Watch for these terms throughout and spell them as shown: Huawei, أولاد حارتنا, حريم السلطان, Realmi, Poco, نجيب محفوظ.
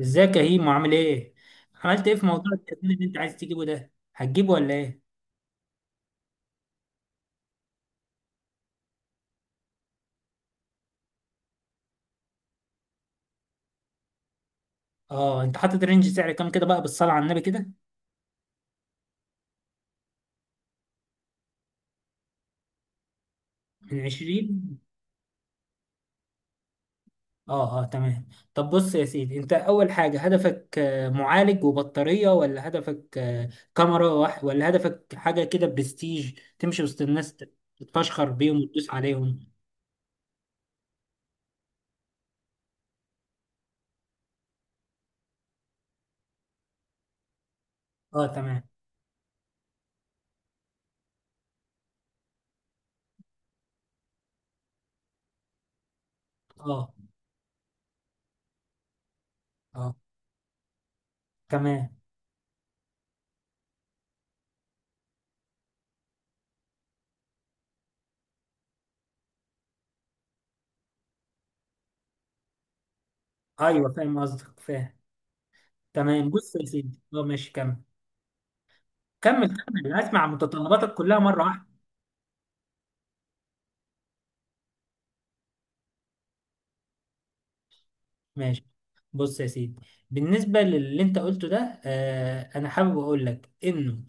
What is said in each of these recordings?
ازيك يا هيمو، عامل ايه؟ عملت ايه في موضوع التأمين اللي انت عايز تجيبه ده؟ هتجيبه ولا ايه؟ اه، انت حاطط رينج سعر كام كده بقى، بالصلاة على النبي كده؟ من 20. اه اه، تمام. طب بص يا سيدي، انت اول حاجة هدفك معالج وبطارية، ولا هدفك كاميرا، ولا هدفك حاجة كده برستيج تمشي وسط الناس تتفشخر بيهم وتدوس عليهم؟ اه، تمام. اه اه، تمام. ايوه، فاهم قصدك، فاهم. تمام، بص يا سيدي، اه، ماشي، كمل كمل كمل، اسمع متطلباتك كلها مره واحده. ماشي، بص يا سيدي. بالنسبه للي انت قلته ده، انا حابب اقول لك انه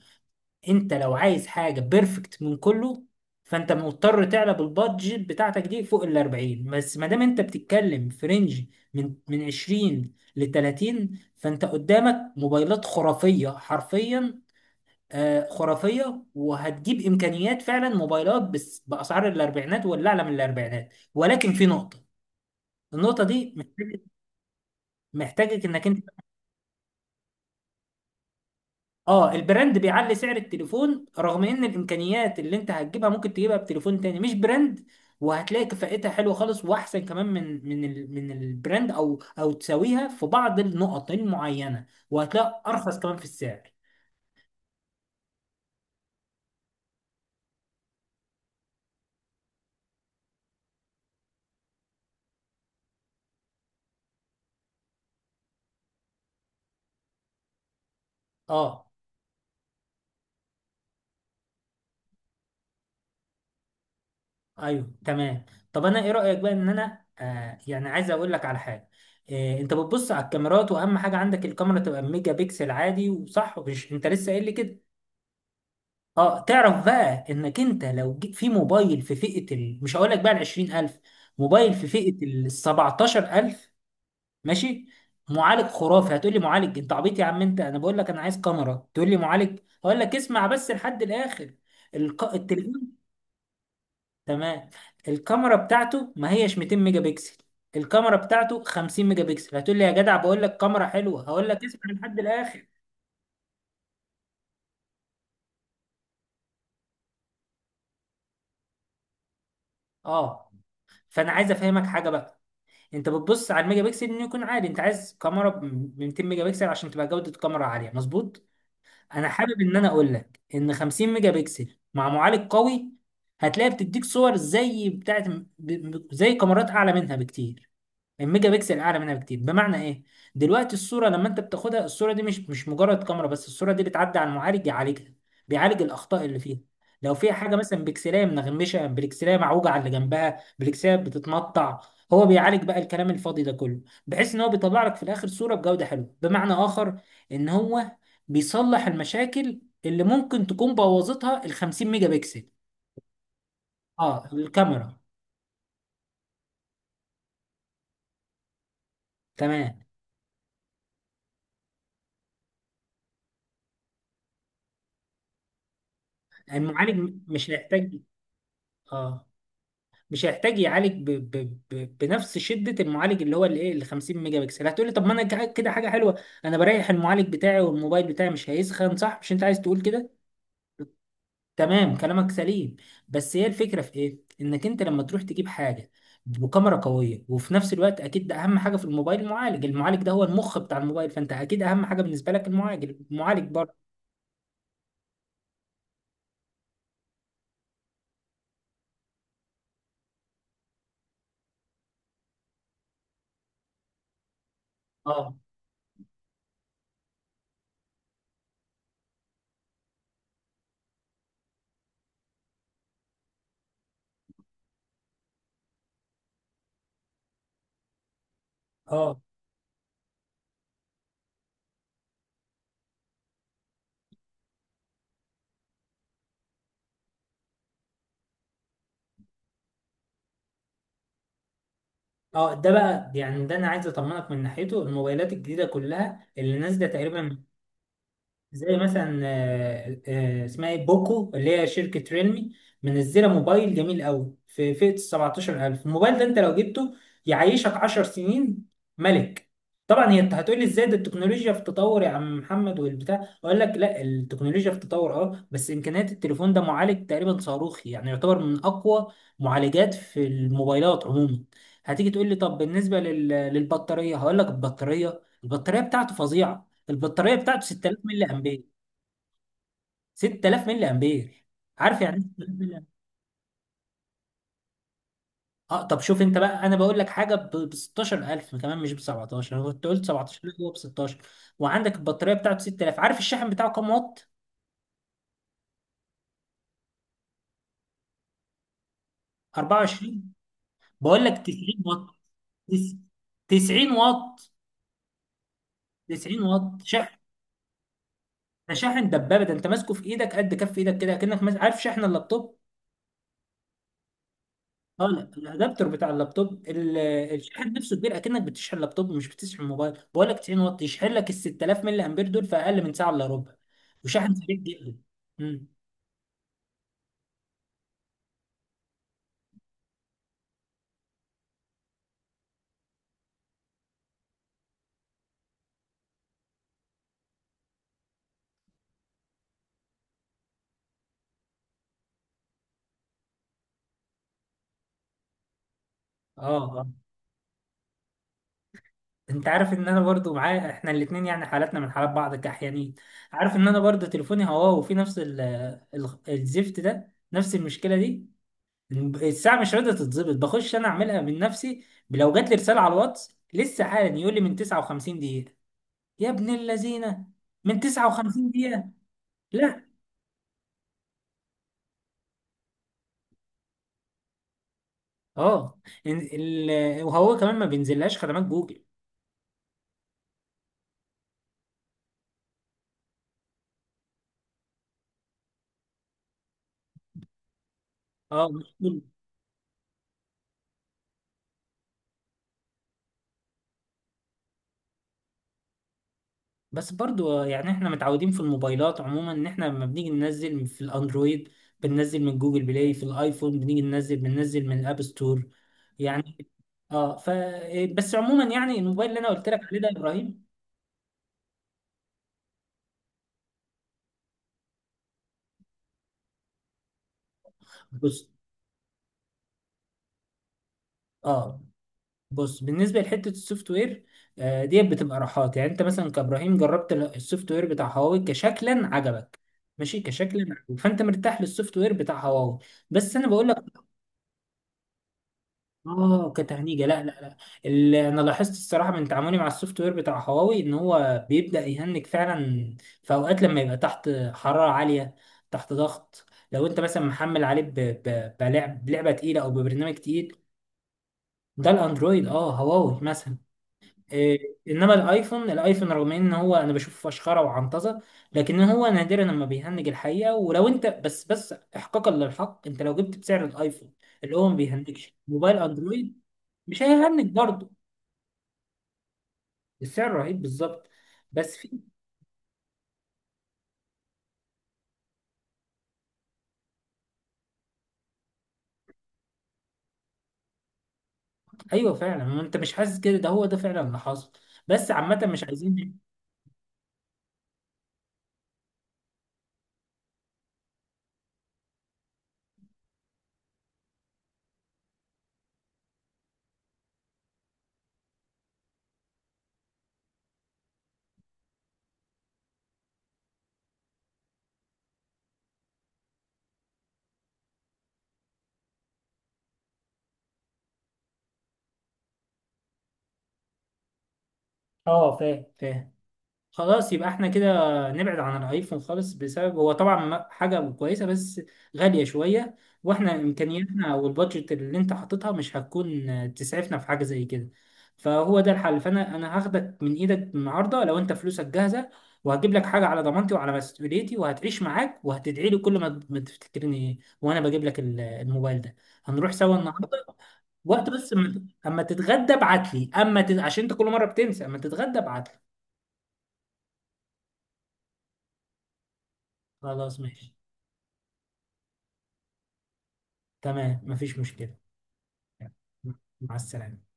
انت لو عايز حاجه بيرفكت من كله، فانت مضطر تعلى بالبادجت بتاعتك دي فوق ال 40. بس ما دام انت بتتكلم في رينج من 20 ل 30، فانت قدامك موبايلات خرافيه حرفيا. خرافيه، وهتجيب امكانيات فعلا، موبايلات بس باسعار الاربعينات ولا اعلى من الاربعينات، ولكن في نقطه. النقطة دي محتاجك انك انت، اه، البراند بيعلي سعر التليفون، رغم ان الامكانيات اللي انت هتجيبها ممكن تجيبها بتليفون تاني مش براند، وهتلاقي كفاءتها حلوة خالص واحسن كمان من البراند، او تساويها في بعض النقط المعينة، وهتلاقي ارخص كمان في السعر. اه ايوه تمام. طب انا ايه رأيك بقى ان انا يعني عايز اقول لك على حاجة، انت بتبص على الكاميرات، واهم حاجة عندك الكاميرا تبقى ميجا بيكسل عادي وصح، مش انت لسه قايل لي كده؟ اه، تعرف بقى انك انت لو جيت في موبايل في مش هقول لك بقى ال 20000، موبايل في فئة ال 17000. ماشي. معالج خرافي، هتقول لي: معالج؟ انت عبيط يا عم، انت انا بقول لك انا عايز كاميرا تقول لي معالج؟ هقول لك: اسمع بس لحد الاخر. التليفون، تمام، الكاميرا بتاعته ما هيش 200 ميجا بكسل، الكاميرا بتاعته 50 ميجا بكسل. هتقول لي يا جدع، بقول لك كاميرا حلوة، هقول لك اسمع لحد الاخر. اه، فانا عايز افهمك حاجة بقى. انت بتبص على الميجا بكسل انه يكون عالي، انت عايز كاميرا ب 200 ميجا بكسل عشان تبقى جودة الكاميرا عالية، مظبوط. انا حابب انا اقول لك ان 50 ميجا بكسل مع معالج قوي، هتلاقي بتديك صور زي زي كاميرات اعلى منها بكتير، الميجا بكسل اعلى منها بكتير. بمعنى ايه؟ دلوقتي الصوره لما انت بتاخدها، الصوره دي مش مجرد كاميرا بس، الصوره دي بتعدي على المعالج يعالجها، بيعالج الاخطاء اللي فيها. لو فيها حاجه مثلا بكسلايه منغمشه، بكسلايه معوجه على اللي جنبها، بكسلايه بتتمطع، هو بيعالج بقى الكلام الفاضي ده كله، بحيث ان هو بيطلع لك في الاخر صوره بجوده حلوه، بمعنى اخر ان هو بيصلح المشاكل اللي ممكن تكون بوظتها ال 50 ميجا بكسل. اه، الكاميرا، تمام. المعالج مش هيحتاج. اه، مش هيحتاج يعالج بنفس شده المعالج، اللي هو الايه، ال 50 ميجا بكسل. هتقولي: طب ما انا كده حاجه حلوه، انا بريح المعالج بتاعي، والموبايل بتاعي مش هيسخن، صح؟ مش انت عايز تقول كده؟ تمام، كلامك سليم. بس هي الفكره في ايه، انك انت لما تروح تجيب حاجه بكاميرا قويه، وفي نفس الوقت اكيد ده اهم حاجه في الموبايل، المعالج، المعالج ده هو المخ بتاع الموبايل، فانت اكيد اهم حاجه بالنسبه لك المعالج، المعالج برضه. اه اه اه. ده بقى يعني، ده انا عايز اطمنك من ناحيته، الموبايلات الجديده كلها اللي نازله تقريبا، زي مثلا اسمها ايه، بوكو، اللي هي شركة ريلمي، منزلة موبايل جميل قوي في فئة ال 17000. الموبايل ده انت لو جبته يعيشك 10 سنين، ملك. طبعا هي انت هتقولي: ازاي ده، التكنولوجيا في تطور يا عم محمد والبتاع. اقول لك: لا، التكنولوجيا في تطور اه، بس امكانيات التليفون ده، معالج تقريبا صاروخي، يعني يعتبر من اقوى معالجات في الموبايلات عموما. هتيجي تقول لي: طب بالنسبة للبطارية؟ هقول لك: البطارية، البطارية بتاعته فظيعة، البطاريه بتاعته 6000 ملي امبير. 6000 ملي امبير، عارف يعني ايه 6000 ملي أمبير؟ اه، طب شوف انت بقى، انا بقول لك حاجه ب 16000 كمان، مش ب 17. انا كنت قلت 17، لا، هو ب 16. وعندك البطاريه بتاعته 6000. عارف الشاحن بتاعه كام واط؟ 24؟ بقول لك 90 واط. تس- 90 واط، 90 واط شاحن. ده شاحن دبابه، ده انت ماسكه في ايدك قد كف ايدك كده، كأنك ماسك، عارف شاحن اللابتوب؟ اه، لا، الادابتر بتاع اللابتوب، الشاحن نفسه كبير، اكنك بتشحن لابتوب مش بتشحن موبايل. بقول لك 90 واط يشحن لك ال 6000 ملي امبير دول في اقل من ساعه الا ربع، وشحن سريع جدا. امم اه اه. انت عارف ان انا برضو معايا، احنا الاثنين يعني حالاتنا من حالات بعض كاحيانين، عارف ان انا برضو تليفوني هواوي، وفي نفس ال ال الزفت ده، نفس المشكله دي. الساعه مش راضيه تتظبط، بخش انا اعملها من نفسي. لو جات لي رساله على الواتس لسه حالا، يقول لي من 59 دقيقه. يا ابن اللذينه، من 59 دقيقه. لا، اه. وهو كمان ما بينزلهاش خدمات جوجل. اه، مش كل- بس برضو يعني احنا متعودين في الموبايلات عموما، ان احنا لما بنيجي ننزل في الاندرويد بننزل من جوجل بلاي، في الايفون بنيجي بننزل من الاب ستور، يعني. اه، ف إيه، بس عموما يعني الموبايل اللي انا قلت لك عليه ده يا ابراهيم. بص، اه، بص بالنسبه لحته السوفت وير، ديت بتبقى راحات، يعني انت مثلا كابراهيم جربت السوفت وير بتاع هواوي، كشكلا عجبك. ماشي كشكلا عجبك. فانت مرتاح للسوفت وير بتاع هواوي، بس انا بقول لك، اه، كتهنيجه لا لا لا. اللي انا لاحظت الصراحه من تعاملي مع السوفت وير بتاع هواوي، ان هو بيبدا يهنج فعلا في اوقات، لما يبقى تحت حراره عاليه، تحت ضغط، لو انت مثلا محمل عليه بلعبه تقيله او ببرنامج تقيل. ده الاندرويد، اه، هواوي مثلا. انما الايفون، الايفون رغم ان هو انا بشوف فشخره وعنطزه، لكن هو نادرا لما بيهنج الحقيقه. ولو انت، بس بس احقاقا للحق، انت لو جبت بسعر الايفون اللي هو ما بيهنجش، موبايل اندرويد مش هيهنج برضه. السعر رهيب بالظبط، بس في، ايوه فعلا، ما انت مش حاسس كده، ده هو ده فعلا اللي حاصل. بس عامه مش عايزين. اه، فاهم فاهم. خلاص، يبقى احنا كده نبعد عن الايفون خالص. بسبب هو طبعا حاجة كويسة، بس غالية شوية، واحنا امكانياتنا والبادجت اللي انت حاططها مش هتكون تسعفنا في حاجة زي كده، فهو ده الحل. فانا انا هاخدك من ايدك النهارده لو انت فلوسك جاهزة، وهجيب لك حاجة على ضمانتي وعلى مسؤوليتي، وهتعيش معاك، وهتدعي لي كل ما تفتكرني وانا بجيب لك الموبايل ده. هنروح سوا النهارده. وقت بس، اما تتغدى ابعت لي، عشان انت كل مرة بتنسى، اما تتغدى ابعت لي. خلاص ماشي. تمام، مفيش مشكلة. مع السلامة.